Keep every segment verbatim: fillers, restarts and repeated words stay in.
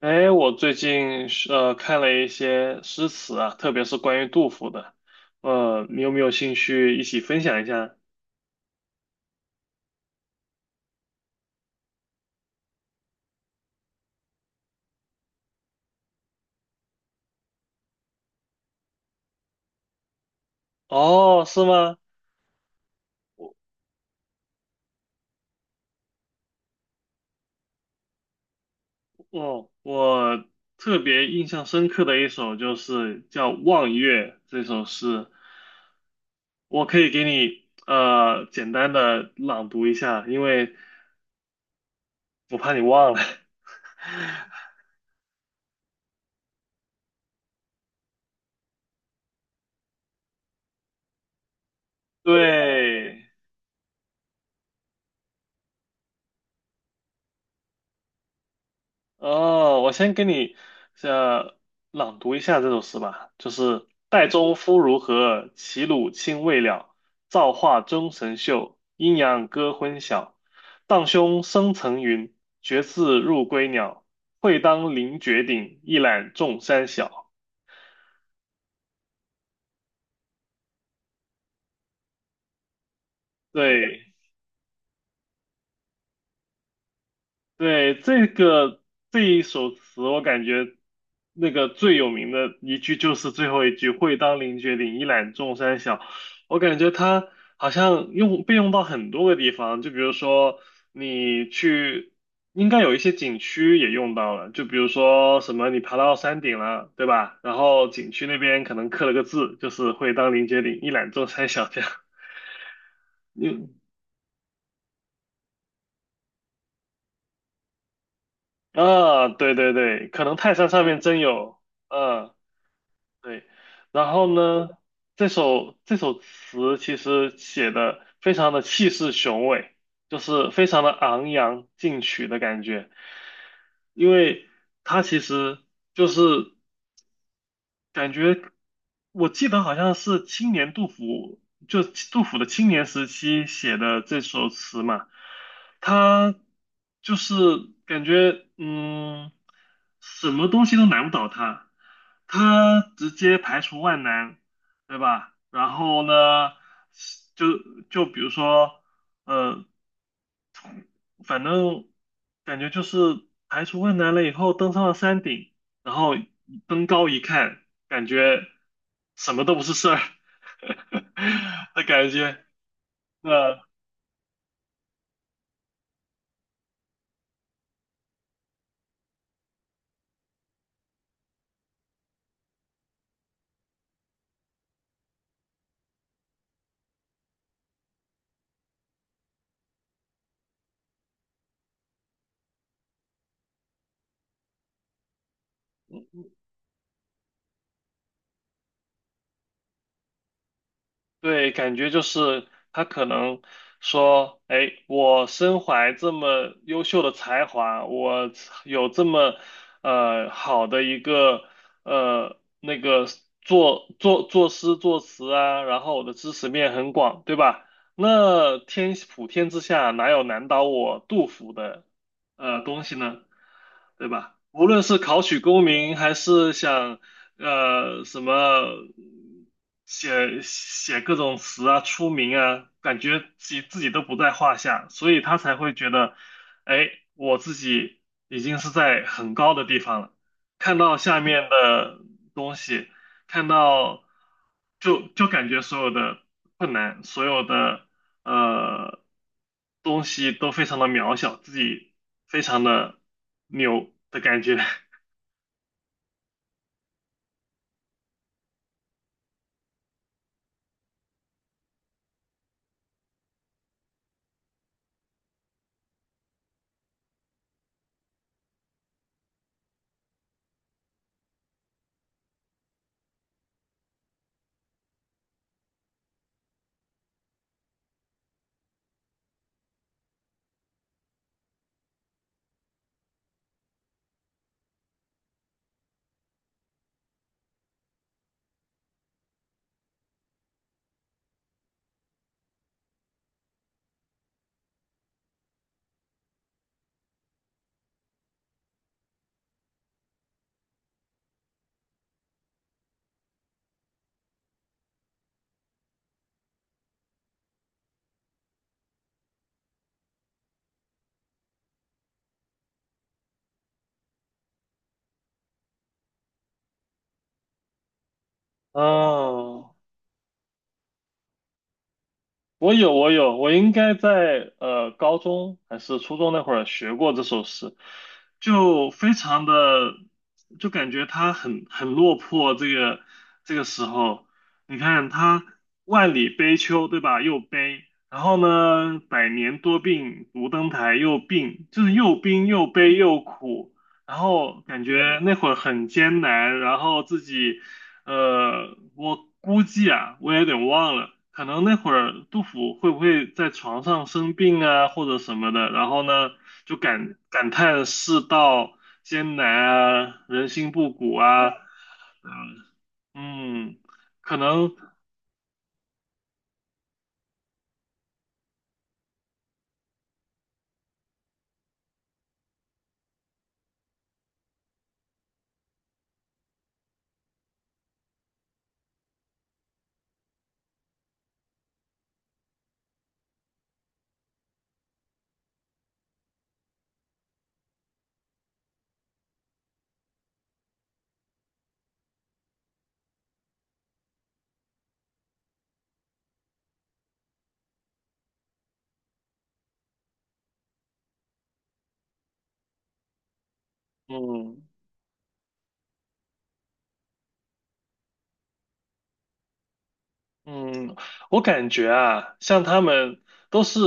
哎，我最近是呃看了一些诗词啊，特别是关于杜甫的，呃，你有没有兴趣一起分享一下？哦，是吗？哦，我特别印象深刻的一首就是叫《望月》这首诗，我可以给你呃简单的朗读一下，因为我怕你忘了。对，哦，我先给你呃朗读一下这首诗吧，就是岱宗夫如何，齐鲁青未了。造化钟神秀，阴阳割昏晓。荡胸生层云，决眦入归鸟。会当凌绝顶，一览众山小。对，对，这个这一首词，我感觉那个最有名的一句就是最后一句“会当凌绝顶，一览众山小”。我感觉它好像用被用到很多个地方，就比如说你去，应该有一些景区也用到了，就比如说什么你爬到山顶了，对吧？然后景区那边可能刻了个字，就是“会当凌绝顶，一览众山小”这样。嗯啊，对对对，可能泰山上面真有，嗯。对，然后呢，这首这首词其实写的非常的气势雄伟，就是非常的昂扬进取的感觉，因为它其实就是。感觉我记得好像是青年杜甫，就杜甫的青年时期写的这首词嘛，他就是感觉嗯，什么东西都难不倒他，他直接排除万难，对吧？然后呢，就就比如说，呃，反正感觉就是排除万难了以后，登上了山顶，然后登高一看，感觉什么都不是事儿 的感觉。那对，感觉就是他可能说，哎，我身怀这么优秀的才华，我有这么呃好的一个呃那个作作作诗作词啊，然后我的知识面很广，对吧？那天普天之下哪有难倒我杜甫的呃东西呢？对吧？无论是考取功名，还是想。呃，什么写写各种词啊，出名啊，感觉自己自己都不在话下，所以他才会觉得，哎，我自己已经是在很高的地方了，看到下面的东西，看到就就感觉所有的困难，所有的呃东西都非常的渺小，自己非常的牛的感觉。哦，我有，我有，我应该在呃高中还是初中那会儿学过这首诗，就非常的，就感觉他很很落魄。这个这个时候，你看他万里悲秋，对吧？又悲，然后呢，百年多病独登台又病，就是又病又悲又苦。然后感觉那会儿很艰难，然后自己呃，我估计啊，我也有点忘了，可能那会儿杜甫会不会在床上生病啊，或者什么的，然后呢，就感感叹世道艰难啊，人心不古啊，嗯，可能，嗯，嗯，我感觉啊，像他们都是，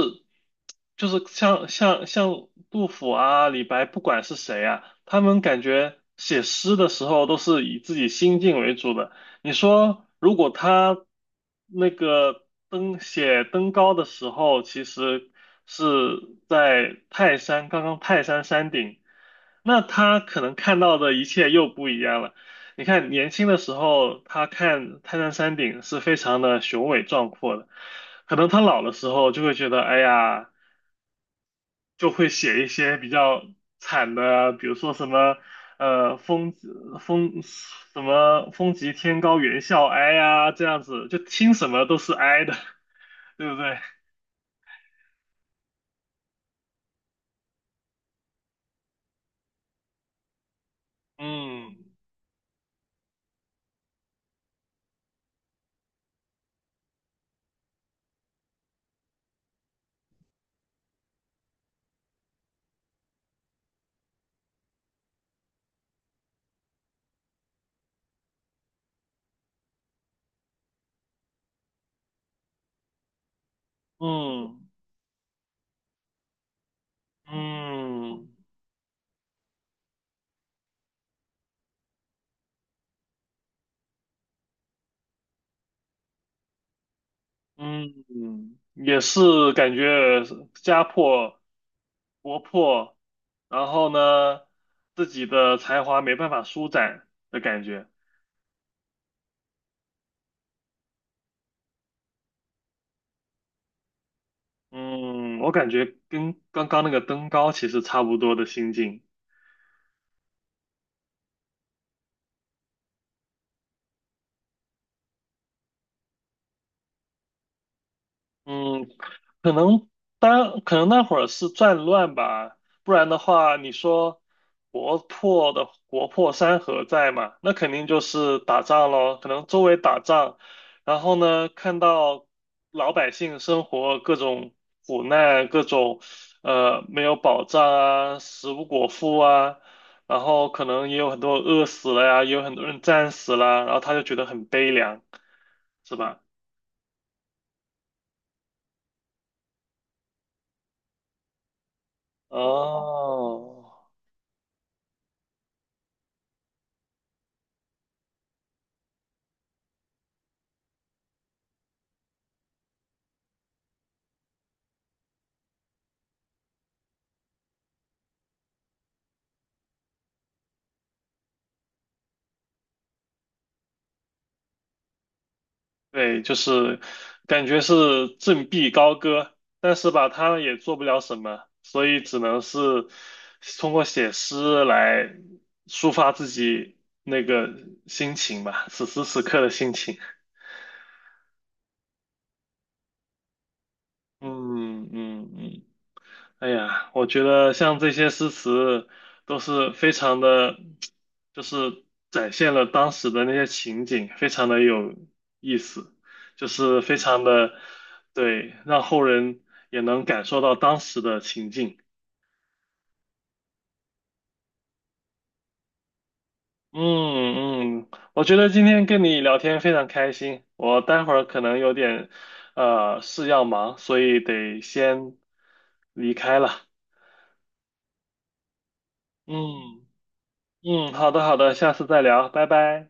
就是像像像杜甫啊、李白，不管是谁啊，他们感觉写诗的时候都是以自己心境为主的。你说，如果他那个登写登高的时候，其实是在泰山，刚刚泰山山顶，那他可能看到的一切又不一样了。你看，年轻的时候，他看泰山山顶是非常的雄伟壮阔的，可能他老的时候就会觉得，哎呀，就会写一些比较惨的啊，比如说什么，呃，风风什么风急天高猿啸哀呀，这样子，就听什么都是哀的，对不对？嗯嗯嗯嗯嗯，也是感觉家破活泼，然后呢，自己的才华没办法舒展的感觉。嗯，我感觉跟刚刚那个登高其实差不多的心境。嗯，可能当可能那会儿是战乱吧，不然的话，你说国破的国破山河在嘛，那肯定就是打仗咯，可能周围打仗，然后呢，看到老百姓生活各种苦难，各种呃没有保障啊，食不果腹啊，然后可能也有很多饿死了呀，也有很多人战死了，然后他就觉得很悲凉，是吧？哦。对，就是感觉是振臂高歌，但是吧，他也做不了什么，所以只能是通过写诗来抒发自己那个心情吧，此时此刻的心情。嗯嗯嗯，哎呀，我觉得像这些诗词都是非常的，就是展现了当时的那些情景，非常的有意思，就是非常的，对，让后人也能感受到当时的情境。嗯嗯，我觉得今天跟你聊天非常开心，我待会儿可能有点呃事要忙，所以得先离开了。嗯嗯，好的好的，下次再聊，拜拜。